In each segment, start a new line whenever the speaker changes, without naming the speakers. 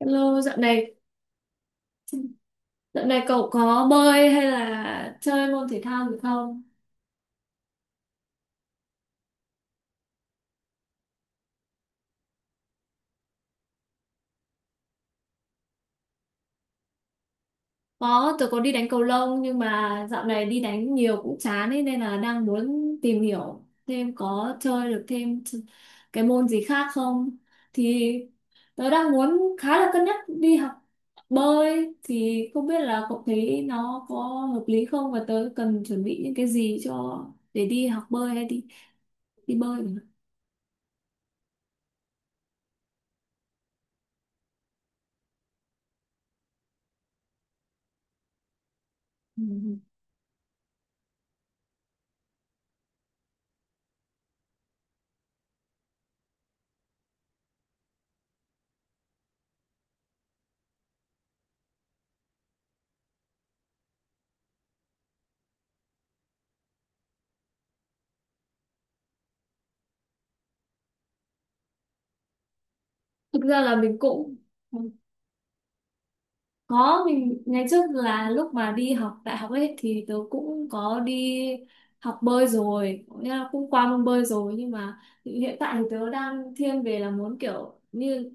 Hello, dạo này cậu có bơi hay là chơi môn thể thao gì không? Có, tớ có đi đánh cầu lông nhưng mà dạo này đi đánh nhiều cũng chán ấy, nên là đang muốn tìm hiểu thêm có chơi được thêm cái môn gì khác không? Thì tớ đang muốn khá là cân nhắc đi học bơi thì không biết là cậu thấy nó có hợp lý không và tớ cần chuẩn bị những cái gì cho để đi học bơi hay đi đi bơi. Ừ. Thực ra là mình cũng có, mình ngày trước là lúc mà đi học đại học ấy thì tớ cũng có đi học bơi rồi, cũng nghĩa là cũng qua môn bơi rồi nhưng mà hiện tại thì tớ đang thiên về là muốn kiểu như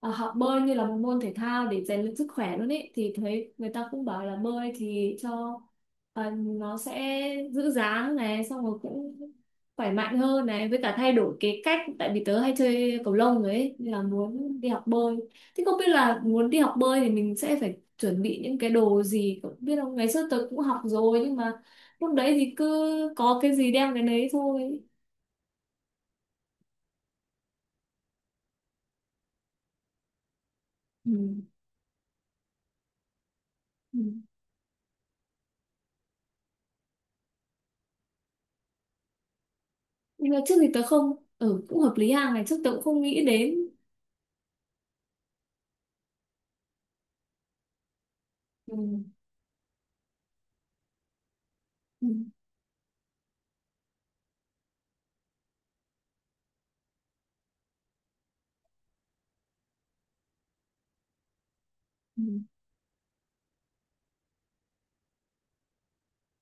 học bơi như là một môn thể thao để rèn luyện sức khỏe luôn ấy thì thấy người ta cũng bảo là bơi thì cho nó sẽ giữ dáng này xong rồi cũng khỏe mạnh hơn này với cả thay đổi cái cách tại vì tớ hay chơi cầu lông rồi ấy nên là muốn đi học bơi. Thế không biết là muốn đi học bơi thì mình sẽ phải chuẩn bị những cái đồ gì không biết không ngày xưa tớ cũng học rồi nhưng mà lúc đấy thì cứ có cái gì đem cái đấy thôi. Ừ. Ừ. Nhưng mà trước thì tớ không cũng hợp lý hàng ngày trước tớ cũng không nghĩ đến. Ừ. Ừ. Ừ.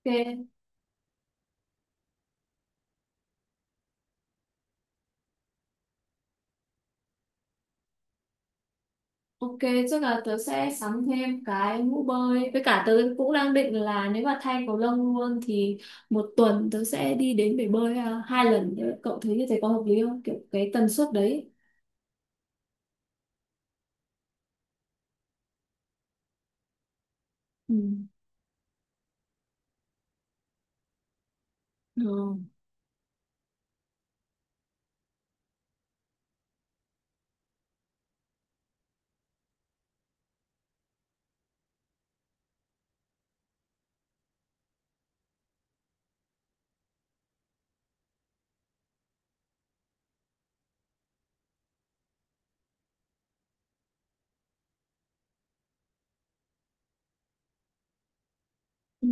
Ok, ok, chắc là tớ sẽ sắm thêm cái mũ bơi với cả tớ cũng đang định là nếu mà thay cầu lông luôn thì một tuần tớ sẽ đi đến bể bơi à, 2 lần, cậu thấy như thế có hợp lý không kiểu cái tần suất đấy. Ừ. Ừ. Ừ,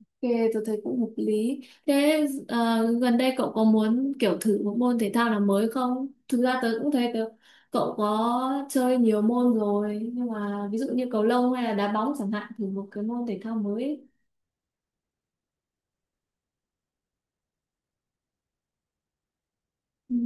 ok, tôi thấy cũng hợp lý. Thế gần đây cậu có muốn kiểu thử một môn thể thao nào mới không? Thực ra tớ cũng thấy tớ, cậu có chơi nhiều môn rồi, nhưng mà ví dụ như cầu lông hay là đá bóng chẳng hạn, thử một cái môn thể thao mới. Ừ,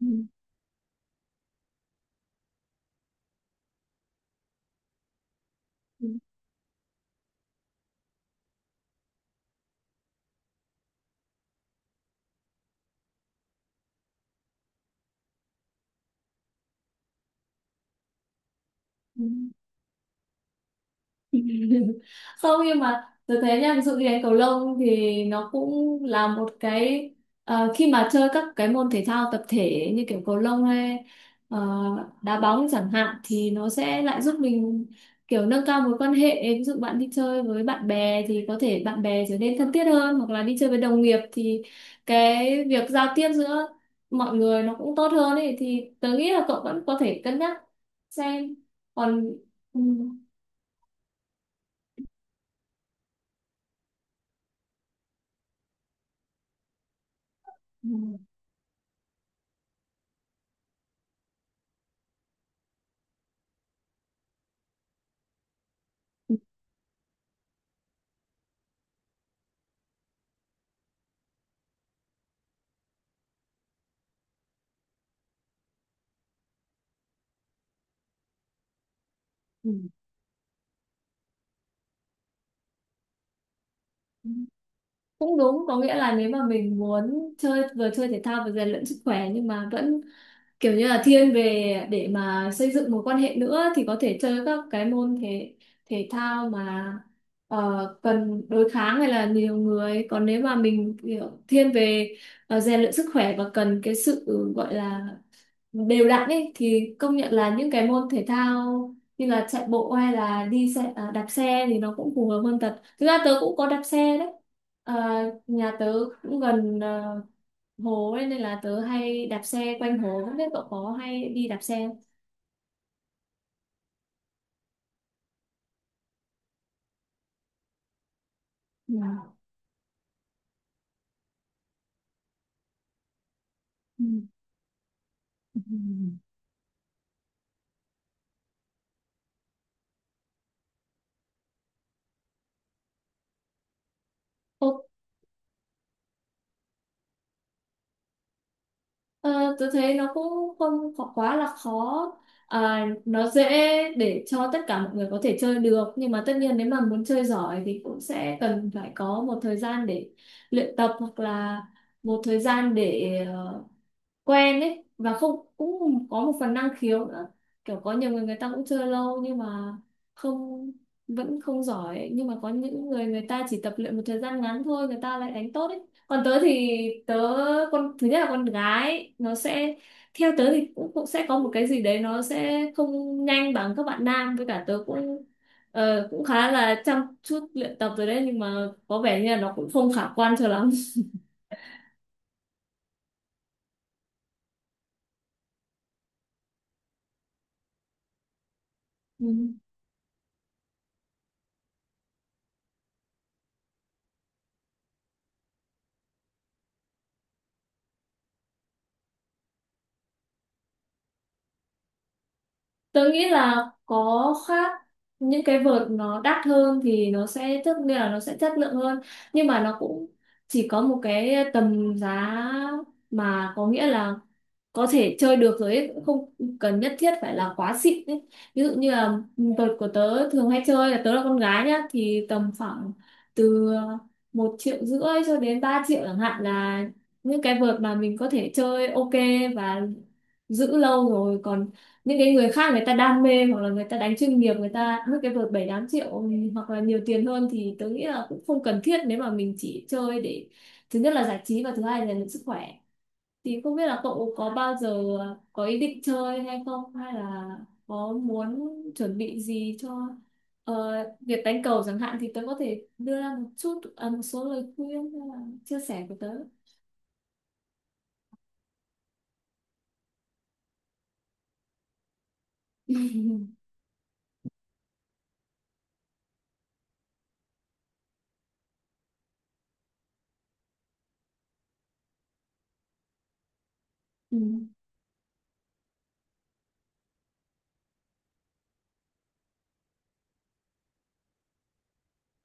ừ, ừ, ừ. Không nhưng mà tôi thấy nha ví dụ như đánh cầu lông thì nó cũng là một cái khi mà chơi các cái môn thể thao tập thể như kiểu cầu lông hay ờ, đá bóng chẳng hạn thì nó sẽ lại giúp mình kiểu nâng cao mối quan hệ ví dụ bạn đi chơi với bạn bè thì có thể bạn bè trở nên thân thiết hơn hoặc là đi chơi với đồng nghiệp thì cái việc giao tiếp giữa mọi người nó cũng tốt hơn ấy thì tớ nghĩ là cậu vẫn có thể cân nhắc xem còn. Ừ. Ừ. Ừ. Cũng đúng, có nghĩa là nếu mà mình muốn chơi vừa chơi thể thao vừa rèn luyện sức khỏe nhưng mà vẫn kiểu như là thiên về để mà xây dựng mối quan hệ nữa thì có thể chơi các cái môn thể thể thao mà cần đối kháng hay là nhiều người. Còn nếu mà mình kiểu thiên về rèn luyện sức khỏe và cần cái sự gọi là đều đặn ấy thì công nhận là những cái môn thể thao như là chạy bộ hay là đi xe à, đạp xe thì nó cũng phù hợp hơn thật, thực ra tớ cũng có đạp xe đấy, à, nhà tớ cũng gần à, hồ ấy, nên là tớ hay đạp xe quanh hồ không biết cậu có hay đi đạp xe không? Ừ. Ừ. Ừ. Ờ, tôi thấy nó cũng không khó, quá là khó, à, nó dễ để cho tất cả mọi người có thể chơi được nhưng mà tất nhiên nếu mà muốn chơi giỏi thì cũng sẽ cần phải có một thời gian để luyện tập hoặc là một thời gian để quen ấy và không cũng có một phần năng khiếu nữa kiểu có nhiều người người ta cũng chơi lâu nhưng mà không vẫn không giỏi ấy. Nhưng mà có những người người ta chỉ tập luyện một thời gian ngắn thôi người ta lại đánh tốt ấy còn tớ thì tớ con thứ nhất là con gái nó sẽ theo tớ thì cũng, cũng sẽ có một cái gì đấy nó sẽ không nhanh bằng các bạn nam với cả tớ cũng cũng khá là chăm chút luyện tập rồi đấy nhưng mà có vẻ như là nó cũng không khả quan cho lắm. Ừ. Tớ nghĩ là có khác, những cái vợt nó đắt hơn thì nó sẽ tức nghĩa là nó sẽ chất lượng hơn nhưng mà nó cũng chỉ có một cái tầm giá mà có nghĩa là có thể chơi được rồi ấy, cũng không cần nhất thiết phải là quá xịn ấy. Ví dụ như là vợt của tớ thường hay chơi là tớ là con gái nhá thì tầm khoảng từ 1,5 triệu cho đến 3 triệu chẳng hạn là những cái vợt mà mình có thể chơi ok và giữ lâu rồi còn những cái người khác người ta đam mê hoặc là người ta đánh chuyên nghiệp người ta mất cái vợt 7-8 triệu, ừ, hoặc là nhiều tiền hơn thì tớ nghĩ là cũng không cần thiết nếu mà mình chỉ chơi để thứ nhất là giải trí và thứ hai là sức khỏe thì không biết là cậu có bao giờ có ý định chơi hay không hay là có muốn chuẩn bị gì cho ờ, việc đánh cầu chẳng hạn thì tớ có thể đưa ra một chút à, một số lời khuyên hay là chia sẻ của tớ. Ừ,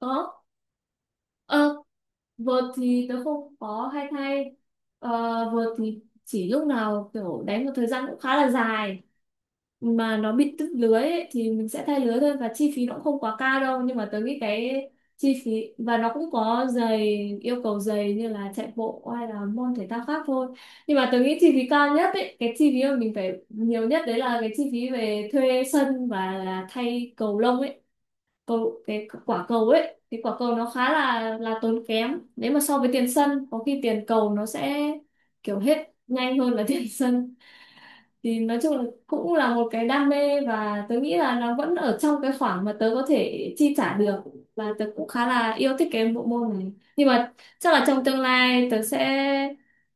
có. Ờ, vợt thì tớ không có hay thay. Ờ, vợt thì chỉ lúc nào kiểu đánh một thời gian cũng khá là dài mà nó bị đứt lưới ấy, thì mình sẽ thay lưới thôi và chi phí nó cũng không quá cao đâu nhưng mà tớ nghĩ cái chi phí và nó cũng có giày yêu cầu giày như là chạy bộ hay là môn thể thao khác thôi nhưng mà tớ nghĩ chi phí cao nhất ấy cái chi phí mà mình phải nhiều nhất đấy là cái chi phí về thuê sân và là thay cầu lông ấy cầu cái quả cầu ấy thì quả cầu nó khá là tốn kém nếu mà so với tiền sân có khi tiền cầu nó sẽ kiểu hết nhanh hơn là tiền sân thì nói chung là cũng là một cái đam mê và tớ nghĩ là nó vẫn ở trong cái khoảng mà tớ có thể chi trả được và tớ cũng khá là yêu thích cái bộ môn này nhưng mà chắc là trong tương lai tớ sẽ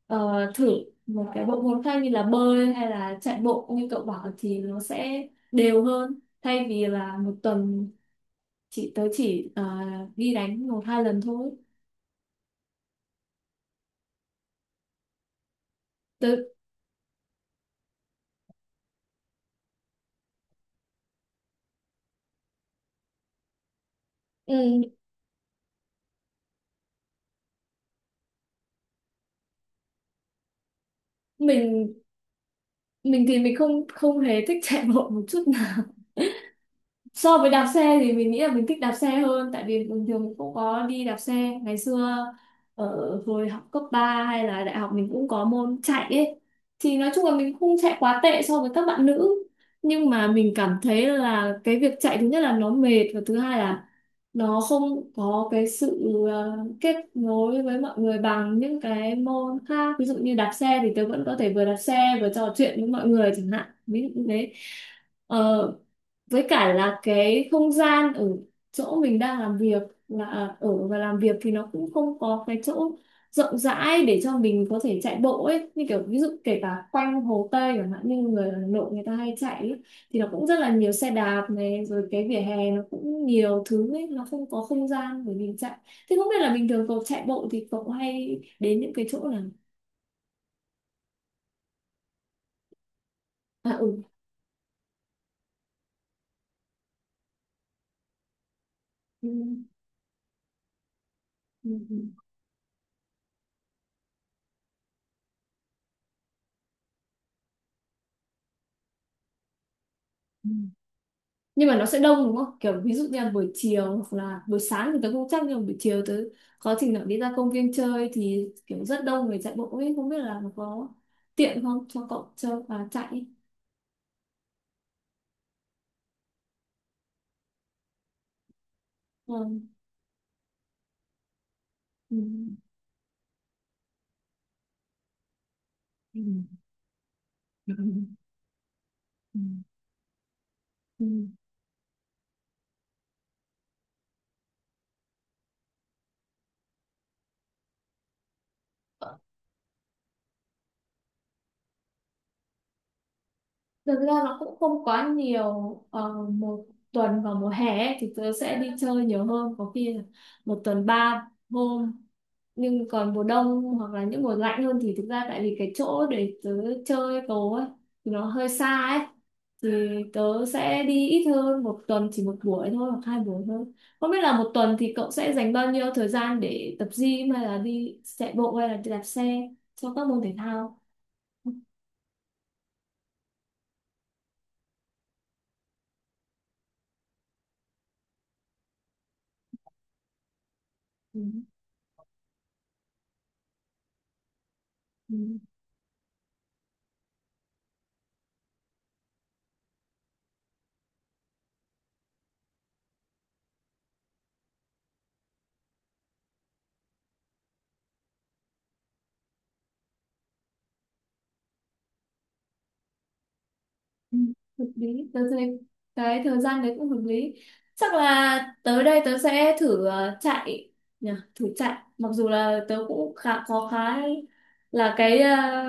ờ, thử một cái bộ môn khác như là bơi hay là chạy bộ như cậu bảo thì nó sẽ đều hơn thay vì là một tuần chị tớ chỉ đi đánh 1-2 lần thôi. Tớ ừ, mình mình thì mình không không hề thích chạy bộ một chút nào so với đạp xe thì mình nghĩ là mình thích đạp xe hơn tại vì bình thường mình cũng có đi đạp xe ngày xưa ở hồi học cấp 3 hay là đại học mình cũng có môn chạy ấy thì nói chung là mình không chạy quá tệ so với các bạn nữ nhưng mà mình cảm thấy là cái việc chạy thứ nhất là nó mệt và thứ hai là nó không có cái sự kết nối với mọi người bằng những cái môn khác ví dụ như đạp xe thì tớ vẫn có thể vừa đạp xe vừa trò chuyện với mọi người chẳng hạn ví dụ như thế. Ờ, với cả là cái không gian ở chỗ mình đang làm việc là à, ở và làm việc thì nó cũng không có cái chỗ rộng rãi để cho mình có thể chạy bộ ấy như kiểu ví dụ kể cả quanh Hồ Tây chẳng hạn như người Hà Nội người ta hay chạy ấy, thì nó cũng rất là nhiều xe đạp này rồi cái vỉa hè nó cũng nhiều thứ ấy nó không có không gian để mình chạy thế không biết là bình thường cậu chạy bộ thì cậu hay đến những cái chỗ nào. À ừ. Ừ. Ừ. Ừ. Nhưng mà nó sẽ đông đúng không kiểu ví dụ như là buổi chiều hoặc là buổi sáng thì tớ không chắc nhưng mà buổi chiều tớ có trình nào đi ra công viên chơi thì kiểu rất đông người chạy bộ ấy không biết là nó có tiện không cho cậu chơi và chạy ấy. Ừ. Ừ. Ừ. Ừ. Ừ. Ừ. Thực ra nó cũng không quá nhiều một tuần vào mùa hè ấy, thì tớ sẽ đi chơi nhiều hơn có khi là một tuần 3 hôm nhưng còn mùa đông hoặc là những mùa lạnh hơn thì thực ra tại vì cái chỗ để tớ chơi tố ấy thì nó hơi xa ấy thì tớ sẽ đi ít hơn một tuần chỉ một buổi thôi hoặc hai buổi thôi không biết là một tuần thì cậu sẽ dành bao nhiêu thời gian để tập gym hay là đi chạy bộ hay là đi đạp xe cho các môn thể thao. Ừ. Ừ. Ừ, hợp lý tớ thấy cái thời gian đấy cũng hợp lý chắc là tới đây tớ sẽ thử chạy nhỉ thử chạy mặc dù là tớ cũng khá là cái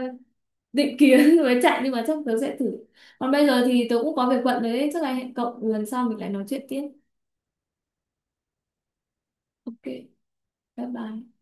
định kiến với chạy nhưng mà chắc tớ sẽ thử còn bây giờ thì tớ cũng có việc bận đấy chắc là hẹn cậu lần sau mình lại nói chuyện tiếp. Ok, bye bye.